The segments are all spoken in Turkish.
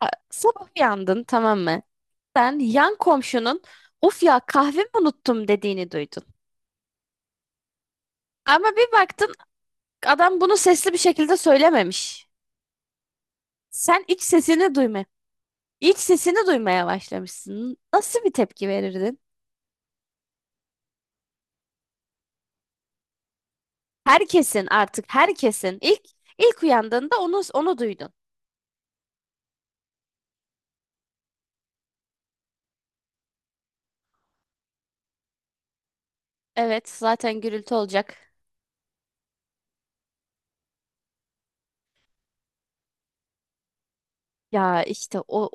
A- Sabah uyandın, tamam mı? Sen yan komşunun "of ya, kahvemi unuttum" dediğini duydun. Ama bir baktın, adam bunu sesli bir şekilde söylememiş. Sen iç sesini duyma, iç sesini duymaya başlamışsın. Nasıl bir tepki verirdin? Herkesin, artık herkesin ilk uyandığında onu duydun. Evet, zaten gürültü olacak. Ya işte o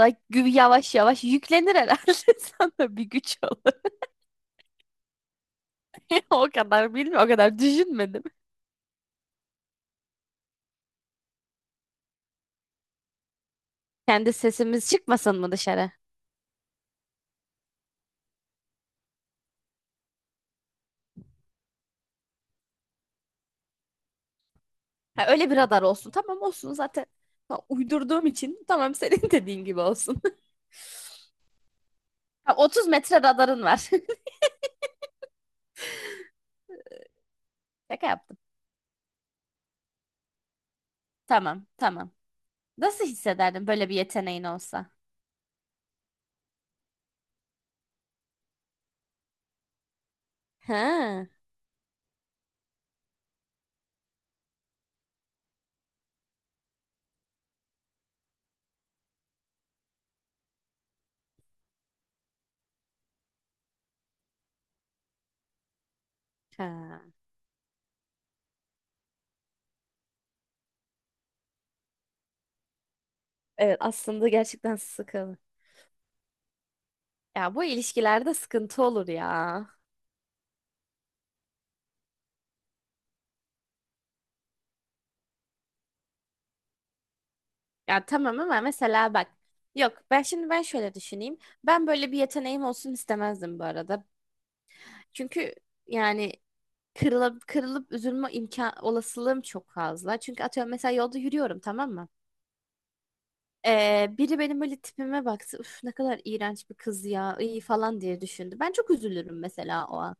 da yavaş yavaş yüklenir herhalde, sana bir güç olur. O kadar bilmiyorum, o kadar düşünmedim. Kendi sesimiz çıkmasın mı dışarı? Ha, öyle bir radar olsun. Tamam, olsun zaten. Ha, uydurduğum için tamam, senin dediğin gibi olsun. Ha, 30 metre radarın var. Şaka yaptım. Tamam, tamam. Nasıl hissederdin böyle bir yeteneğin olsa? Ha. Ha. Evet, aslında gerçekten sıkıntı. Ya bu ilişkilerde sıkıntı olur ya. Ya tamam, ama mesela bak. Yok, ben şimdi şöyle düşüneyim. Ben böyle bir yeteneğim olsun istemezdim bu arada. Çünkü yani kırılıp, kırılıp üzülme imkan olasılığım çok fazla. Çünkü atıyorum, mesela yolda yürüyorum, tamam mı? Biri benim böyle tipime baktı. "Üf, ne kadar iğrenç bir kız ya, iyi" falan diye düşündü. Ben çok üzülürüm mesela o an.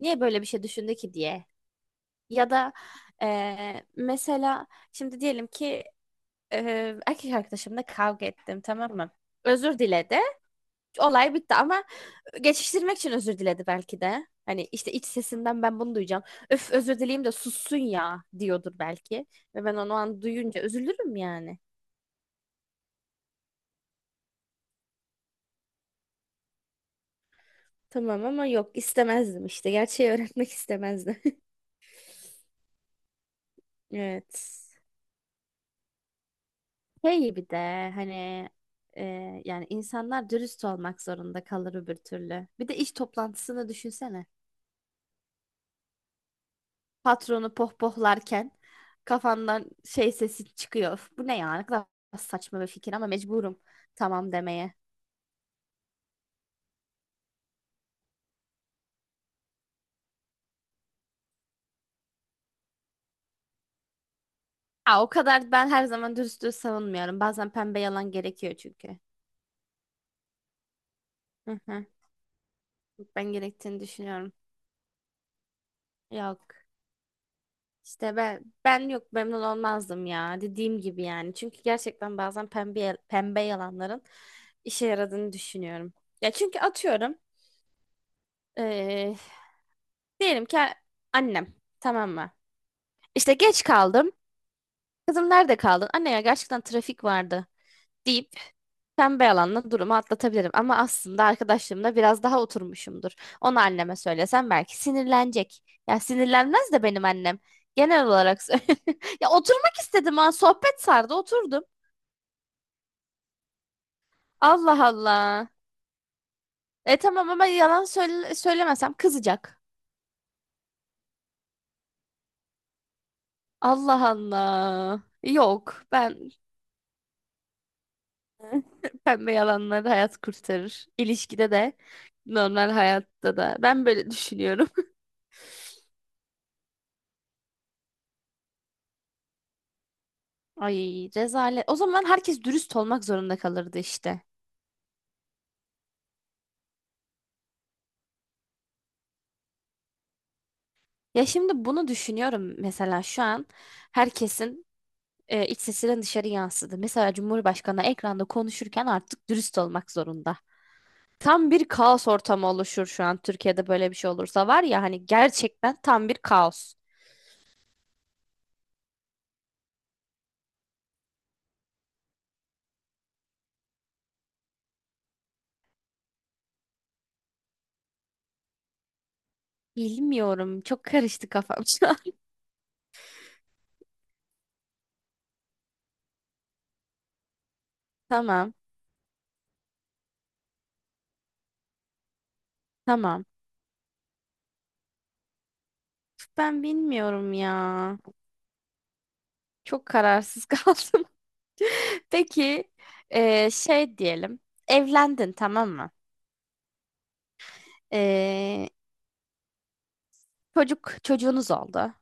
Niye böyle bir şey düşündü ki diye. Ya da mesela şimdi diyelim ki erkek arkadaşımla kavga ettim, tamam mı? Özür diledi, olay bitti, ama geçiştirmek için özür diledi belki de. Hani işte iç sesinden ben bunu duyacağım. "Öf, özür dileyim de sussun ya" diyordur belki. Ve ben onu o an duyunca üzülürüm yani. Tamam, ama yok, istemezdim işte. Gerçeği öğretmek istemezdim. Evet. Şey, bir de hani, e, yani insanlar dürüst olmak zorunda kalır öbür türlü. Bir de iş toplantısını düşünsene. Patronu pohpohlarken kafandan şey sesi çıkıyor: "Öf, bu ne ya? Ne kadar saçma bir fikir, ama mecburum tamam demeye." Ha, o kadar ben her zaman dürüstlüğü savunmuyorum. Bazen pembe yalan gerekiyor çünkü. Hı hı. Ben gerektiğini düşünüyorum. Yok. İşte ben yok, memnun olmazdım ya, dediğim gibi yani. Çünkü gerçekten bazen pembe pembe yalanların işe yaradığını düşünüyorum. Ya çünkü atıyorum, eee, diyelim ki annem, tamam mı? İşte geç kaldım. "Kızım, nerede kaldın?" "Anne ya, gerçekten trafik vardı" deyip pembe yalanla durumu atlatabilirim. Ama aslında arkadaşlarımla biraz daha oturmuşumdur. Onu anneme söylesem belki sinirlenecek. Ya, sinirlenmez de benim annem. Genel olarak söylüyorum. Ya, oturmak istedim, ha. Sohbet sardı, oturdum. Allah Allah. E tamam, ama yalan söyle söylemesem kızacak. Allah Allah. Yok, ben, pembe yalanları hayat kurtarır. İlişkide de normal hayatta da. Ben böyle düşünüyorum. Ay, rezalet. O zaman herkes dürüst olmak zorunda kalırdı işte. Ya, şimdi bunu düşünüyorum, mesela şu an herkesin iç sesinin dışarı yansıdı. Mesela Cumhurbaşkanı ekranda konuşurken artık dürüst olmak zorunda. Tam bir kaos ortamı oluşur şu an, Türkiye'de böyle bir şey olursa var ya, hani gerçekten tam bir kaos. Bilmiyorum. Çok karıştı kafam şu an. Tamam. Tamam. Ben bilmiyorum ya. Çok kararsız kaldım. Peki şey diyelim. Evlendin, tamam mı? Eee, çocuğunuz oldu.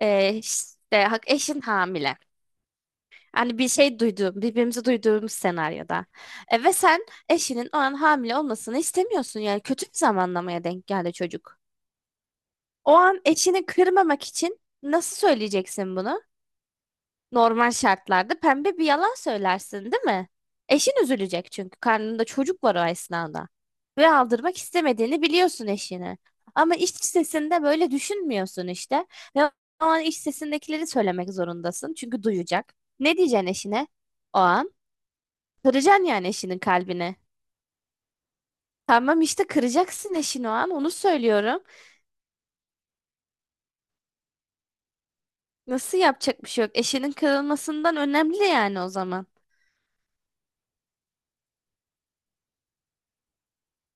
İşte eşin hamile. Hani bir şey duyduğum, birbirimizi duyduğumuz senaryoda. E, ve sen eşinin o an hamile olmasını istemiyorsun. Yani kötü bir zamanlamaya denk geldi çocuk. O an eşini kırmamak için nasıl söyleyeceksin bunu? Normal şartlarda pembe bir yalan söylersin, değil mi? Eşin üzülecek çünkü karnında çocuk var o esnada. Ve aldırmak istemediğini biliyorsun eşine. Ama iç sesinde böyle düşünmüyorsun işte. Ve o an iç sesindekileri söylemek zorundasın. Çünkü duyacak. Ne diyeceksin eşine? O an kıracaksın yani eşinin kalbini. Tamam, işte kıracaksın eşini o an, onu söylüyorum. Nasıl yapacak bir şey yok? Eşinin kırılmasından önemli yani o zaman.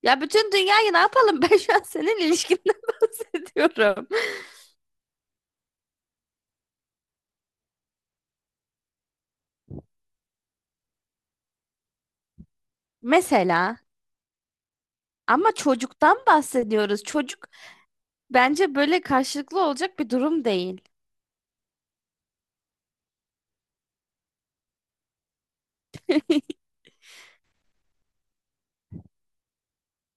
Ya bütün dünyayı ne yapalım? Ben şu an senin ilişkinden bahsediyorum. Mesela ama çocuktan bahsediyoruz. Çocuk bence böyle karşılıklı olacak bir durum değil.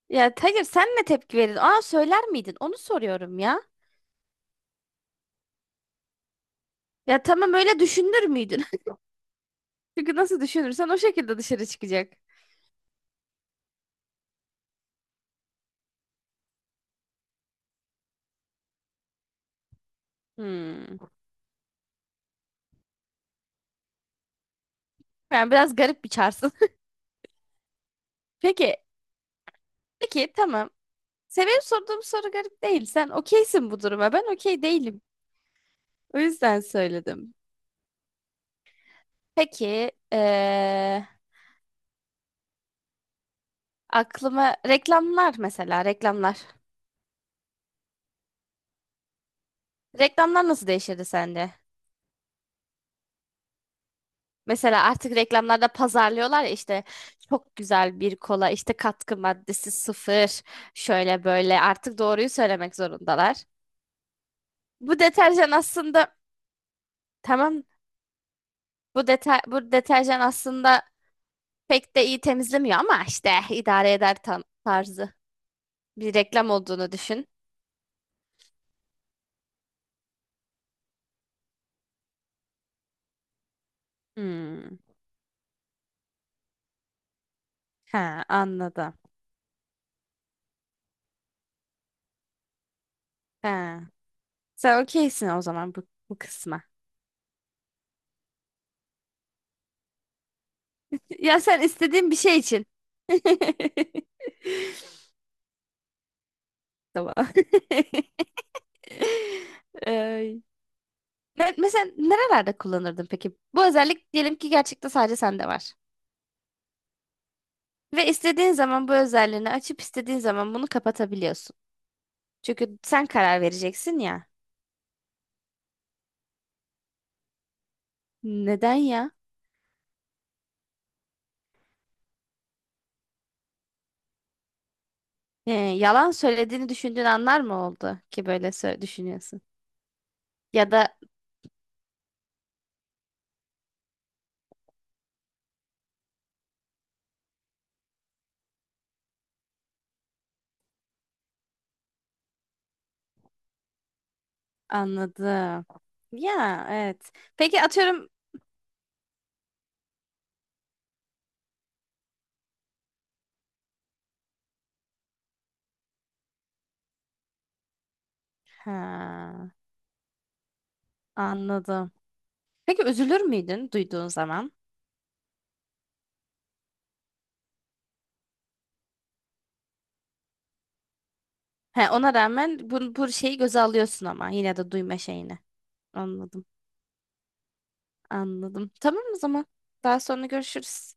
Ya hayır, sen ne tepki verirdin? Aa, söyler miydin? Onu soruyorum ya. Ya tamam, öyle düşünür müydün? Çünkü nasıl düşünürsen o şekilde dışarı çıkacak. Hmm. Yani biraz garip bir çarsın. Peki, peki tamam. Senin sorduğum soru garip değil. Sen okeysin bu duruma. Ben okey değilim. O yüzden söyledim. Peki aklıma reklamlar, mesela reklamlar. Reklamlar nasıl değişirdi sende? Mesela artık reklamlarda pazarlıyorlar ya, işte "çok güzel bir kola, işte katkı maddesi sıfır, şöyle böyle", artık doğruyu söylemek zorundalar. "Bu deterjan aslında", tamam, "bu bu deterjan aslında pek de iyi temizlemiyor ama işte idare eder" tam tarzı bir reklam olduğunu düşün. Hmm, he, anladım. He. Sen okeysin o zaman bu, bu kısma. Ya sen istediğin bir şey için. Tamam. Ay. Mesela nerelerde kullanırdın peki? Bu özellik diyelim ki gerçekten sadece sende var. Ve istediğin zaman bu özelliğini açıp istediğin zaman bunu kapatabiliyorsun. Çünkü sen karar vereceksin ya. Neden ya? Yalan söylediğini düşündüğün anlar mı oldu ki böyle düşünüyorsun? Ya da anladım. Ya evet. Peki atıyorum. Ha, anladım. Peki üzülür müydün duyduğun zaman? He, ona rağmen bu, bu şeyi göze alıyorsun ama yine de duyma şeyini. Anladım, anladım. Tamam o zaman. Daha sonra görüşürüz.